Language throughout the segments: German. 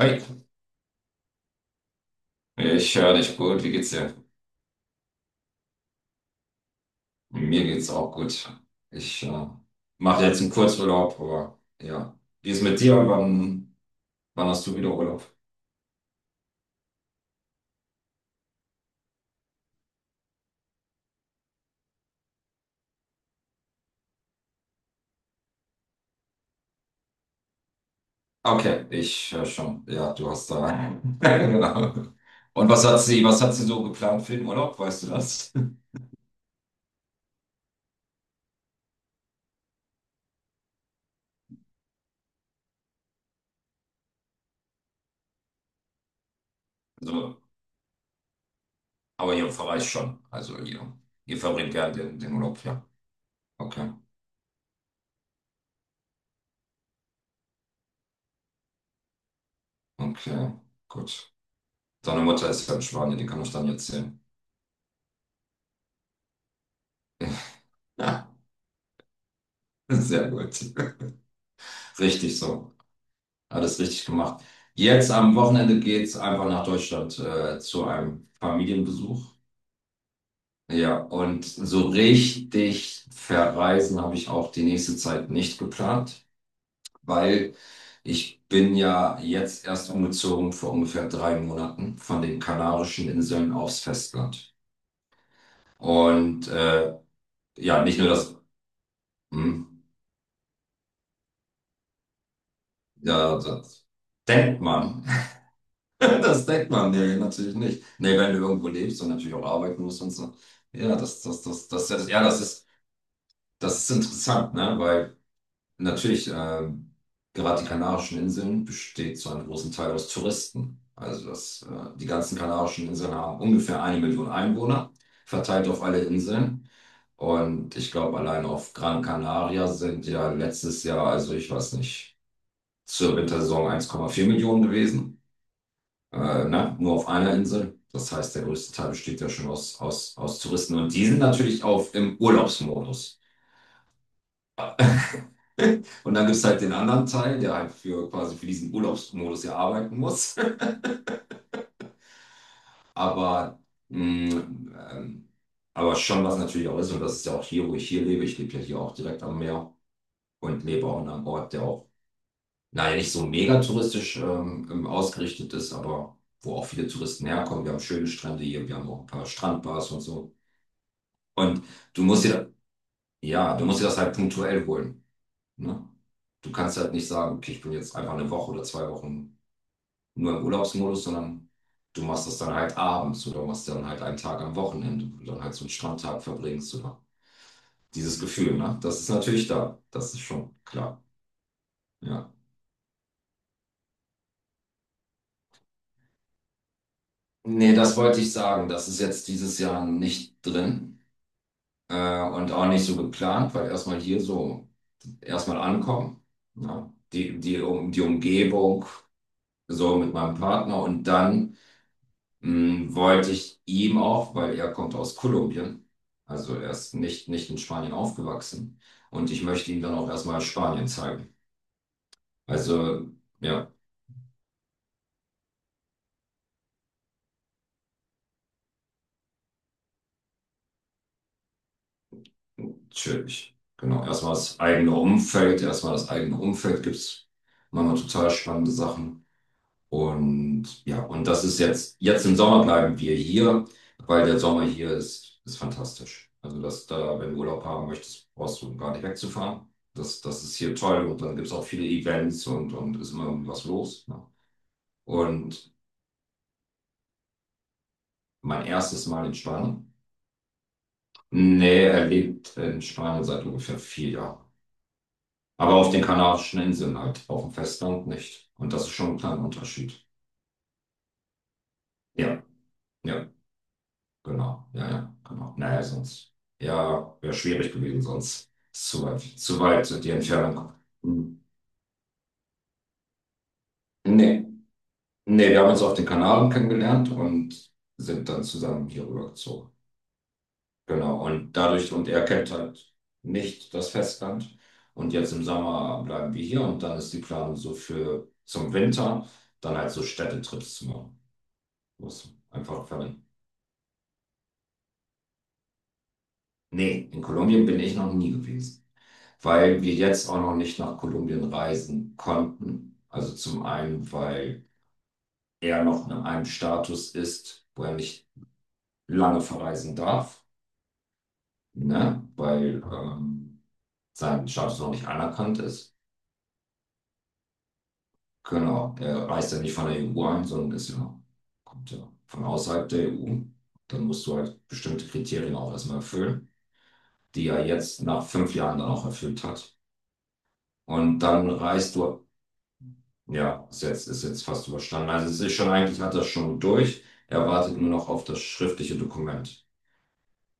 Hi, ich höre dich gut. Wie geht's dir? Mir geht's auch gut. Ich mache jetzt einen Kurzurlaub, aber ja. Wie ist mit dir? Wann hast du wieder Urlaub? Okay, ich höre schon. Ja, du hast da. Genau. Und was hat sie so geplant für den Urlaub? Weißt du das? So, aber ihr verreist schon. Also ihr verbringt gern den Urlaub, ja. Okay, okay, gut. Deine Mutter ist ja in Spanien, die kann ich dann jetzt sehen. Ja, sehr gut. Richtig so. Alles richtig gemacht. Jetzt am Wochenende geht's einfach nach Deutschland zu einem Familienbesuch. Ja, und so richtig verreisen habe ich auch die nächste Zeit nicht geplant, weil ich bin ja jetzt erst umgezogen vor ungefähr 3 Monaten von den Kanarischen Inseln aufs Festland. Und ja, nicht nur das, hm, ja, das denkt man. Das denkt man, nee, natürlich nicht. Nee, wenn du irgendwo lebst und natürlich auch arbeiten musst und so. Ja, das, ja, das ist interessant, ne? Weil natürlich, gerade die Kanarischen Inseln besteht zu einem großen Teil aus Touristen. Also die ganzen Kanarischen Inseln haben ungefähr eine Million Einwohner, verteilt auf alle Inseln. Und ich glaube, allein auf Gran Canaria sind ja letztes Jahr, also ich weiß nicht, zur Wintersaison 1,4 Millionen gewesen, ne, nur auf einer Insel. Das heißt, der größte Teil besteht ja schon aus Touristen und die sind natürlich auf im Urlaubsmodus. Und dann gibt es halt den anderen Teil, der halt für quasi für diesen Urlaubsmodus ja arbeiten muss. Aber, mh, ähm, aber schon was natürlich auch ist, und das ist ja auch hier, wo ich hier lebe. Ich lebe ja hier auch direkt am Meer und lebe auch in einem Ort, der auch, naja, nicht so mega touristisch ausgerichtet ist, aber wo auch viele Touristen herkommen. Wir haben schöne Strände hier, wir haben auch ein paar Strandbars und so. Und du musst dir, ja, du musst dir das halt punktuell holen. Ne? Du kannst halt nicht sagen, okay, ich bin jetzt einfach eine Woche oder 2 Wochen nur im Urlaubsmodus, sondern du machst das dann halt abends oder machst dann halt einen Tag am Wochenende, wo du dann halt so einen Strandtag verbringst oder dieses Gefühl, ne? Das ist natürlich da. Das ist schon klar. Ja. Nee, das wollte ich sagen. Das ist jetzt dieses Jahr nicht drin, und auch nicht so geplant, weil erstmal hier so erstmal ankommen. Ja. Die Umgebung so mit meinem Partner und dann wollte ich ihm auch, weil er kommt aus Kolumbien, also er ist nicht in Spanien aufgewachsen und ich möchte ihm dann auch erstmal Spanien zeigen. Also ja, natürlich. Genau, erstmal das eigene Umfeld gibt es manchmal total spannende Sachen. Und ja, und das ist jetzt im Sommer bleiben wir hier, weil der Sommer hier ist fantastisch. Also, dass da, wenn du Urlaub haben möchtest, brauchst du gar nicht wegzufahren. Das ist hier toll und dann gibt es auch viele Events und ist immer irgendwie was los. Ne? Und mein erstes Mal in Spanien. Nee, er lebt in Spanien seit ungefähr 4 Jahren. Aber auf den Kanarischen Inseln halt, auf dem Festland nicht. Und das ist schon ein kleiner Unterschied. Ja, ja. Genau, ja, ja, genau. Naja, sonst, ja, wäre schwierig gewesen, sonst ist zu weit sind die Entfernung. Hm. Nee, nee, wir haben uns auf den Kanaren kennengelernt und sind dann zusammen hier rübergezogen. Genau, und er kennt halt nicht das Festland. Und jetzt im Sommer bleiben wir hier und dann ist die Planung so für zum Winter, dann halt so Städtetrips zu machen. Muss einfach verwenden. Nee, in Kolumbien bin ich noch nie gewesen. Weil wir jetzt auch noch nicht nach Kolumbien reisen konnten. Also zum einen, weil er noch in einem Status ist, wo er nicht lange verreisen darf, ne? Weil sein Status noch nicht anerkannt ist. Genau, er reist ja nicht von der EU ein, sondern kommt ja von außerhalb der EU. Dann musst du halt bestimmte Kriterien auch erstmal erfüllen, die er jetzt nach 5 Jahren dann auch erfüllt hat. Und dann reist du. Ja, ist jetzt fast überstanden. Also es ist schon, eigentlich hat das schon durch. Er wartet nur noch auf das schriftliche Dokument.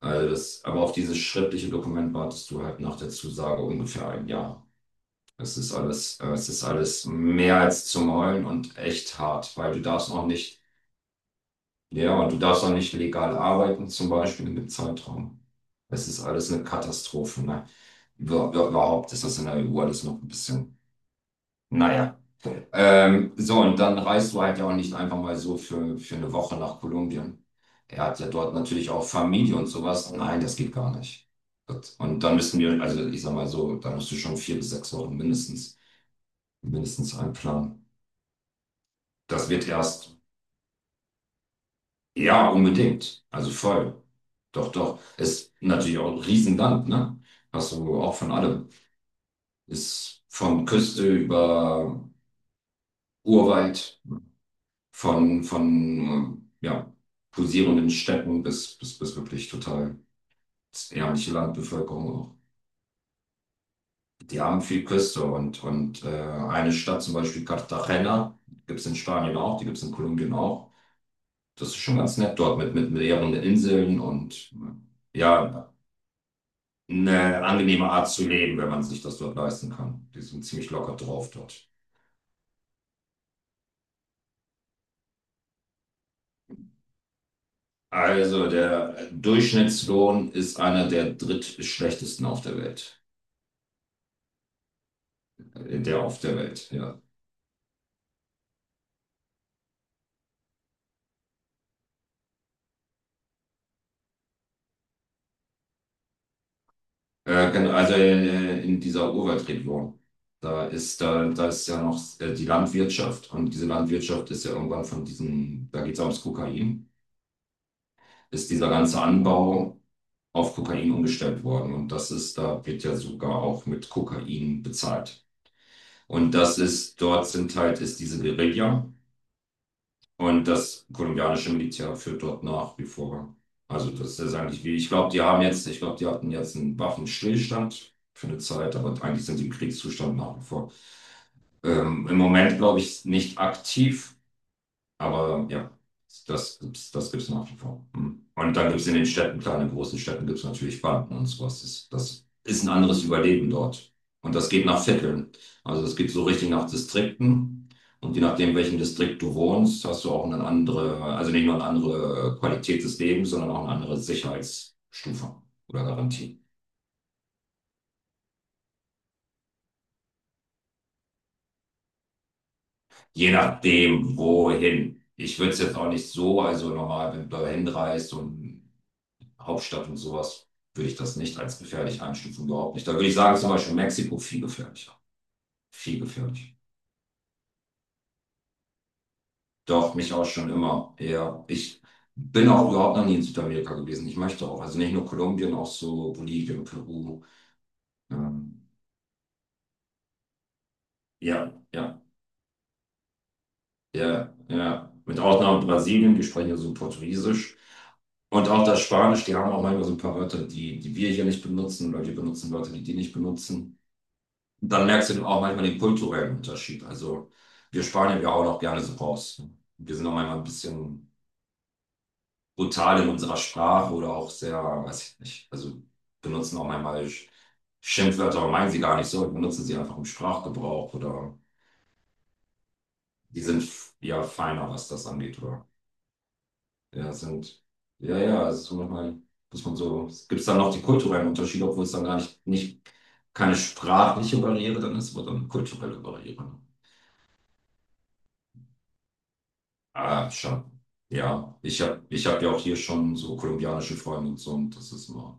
Aber auf dieses schriftliche Dokument wartest du halt nach der Zusage ungefähr ein Jahr. Es ist alles mehr als zum Heulen und echt hart, weil du darfst auch nicht, ja, und du darfst auch nicht legal arbeiten, zum Beispiel in dem Zeitraum. Es ist alles eine Katastrophe, ne? Überhaupt ist das in der EU alles noch ein bisschen, naja. So, und dann reist du halt ja auch nicht einfach mal so für eine Woche nach Kolumbien. Er hat ja dort natürlich auch Familie und sowas. Nein, das geht gar nicht. Und dann müssen wir, also ich sag mal so, da musst du schon 4 bis 6 Wochen mindestens, mindestens einplanen. Das wird erst, ja, unbedingt. Also voll. Doch, doch. Ist natürlich auch ein Riesenland, ne? Hast du auch von allem. Ist von Küste über Urwald. Von, ja, pulsierenden Städten bis wirklich total ärmliche Landbevölkerung auch. Die haben viel Küste und eine Stadt, zum Beispiel Cartagena, gibt es in Spanien auch, die gibt es in Kolumbien auch. Das ist schon ganz nett dort mit mehreren Inseln und ja, eine angenehme Art zu leben, wenn man sich das dort leisten kann. Die sind ziemlich locker drauf dort. Also der Durchschnittslohn ist einer der drittschlechtesten auf der Welt. Der auf der Welt, ja. Also, in dieser Urwaldregion. Da ist ja noch die Landwirtschaft und diese Landwirtschaft ist ja irgendwann von diesem, da geht es ums Kokain, ist dieser ganze Anbau auf Kokain umgestellt worden. Da wird ja sogar auch mit Kokain bezahlt. Dort sind halt, ist diese Guerilla. Und das kolumbianische Militär führt dort nach wie vor. Also das ist eigentlich wie, ich glaube, die haben jetzt, ich glaube, die hatten jetzt einen Waffenstillstand für eine Zeit, aber eigentlich sind sie im Kriegszustand nach wie vor. Im Moment, glaube ich, nicht aktiv. Aber ja, das gibt's nach wie vor. Hm. Und dann gibt's in den Städten, kleinen großen Städten gibt's natürlich Banken und sowas. Das ist ein anderes Überleben dort. Und das geht nach Vierteln. Also es geht so richtig nach Distrikten. Und je nachdem, in welchem Distrikt du wohnst, hast du auch eine andere, also nicht nur eine andere Qualität des Lebens, sondern auch eine andere Sicherheitsstufe oder Garantie. Je nachdem, wohin. Ich würde es jetzt auch nicht so, also normal, wenn du hinreist und Hauptstadt und sowas würde ich das nicht als gefährlich einstufen, überhaupt nicht. Da würde ich sagen, zum Beispiel Mexiko viel gefährlicher. Viel gefährlicher. Doch, mich auch schon immer. Ja, ich bin auch überhaupt noch nie in Südamerika gewesen. Ich möchte auch. Also nicht nur Kolumbien, auch so Bolivien, Peru. Ähm, ja, ja, ja, ja. Mit Ausnahme Brasilien, die sprechen ja so Portugiesisch. Und auch das Spanisch, die haben auch manchmal so ein paar Wörter, die wir hier nicht benutzen, oder die benutzen Wörter, die die nicht benutzen. Und dann merkst du auch manchmal den kulturellen Unterschied. Also wir Spanier, wir hauen auch gerne so raus. Wir sind auch manchmal ein bisschen brutal in unserer Sprache oder auch sehr, weiß ich nicht, also benutzen auch manchmal Schimpfwörter, aber meinen sie gar nicht so, benutzen sie einfach im Sprachgebrauch oder die sind ja feiner, was das angeht, oder? Ja, ja, ja, es ist so manchmal, muss man so, es gibt dann noch die kulturellen Unterschiede, obwohl es dann gar nicht keine sprachliche Barriere dann ist, aber dann kulturelle Barriere. Ne? Ah, schon. Ja, ich hab ja auch hier schon so kolumbianische Freunde und so und das ist immer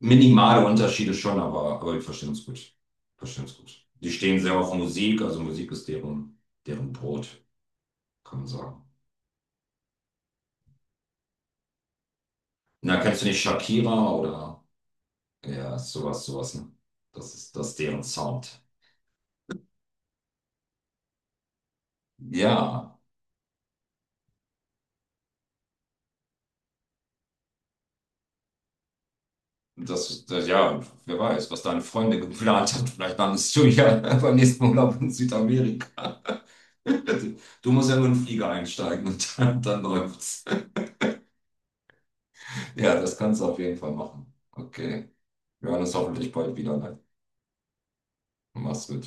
minimale Unterschiede schon, aber wir verstehen uns gut. Verstehen uns gut. Die stehen sehr auf Musik, also Musik ist deren Brot, kann man sagen. Na, kennst du nicht Shakira oder ja, sowas, sowas, ne? Das ist deren Sound. Ja, ja, wer weiß, was deine Freunde geplant haben. Vielleicht landest du ja beim nächsten Urlaub in Südamerika. Du musst ja nur in den Flieger einsteigen und dann läuft's. Ja, das kannst du auf jeden Fall machen. Okay. Wir hören uns hoffentlich bald wieder. Ne? Mach's gut.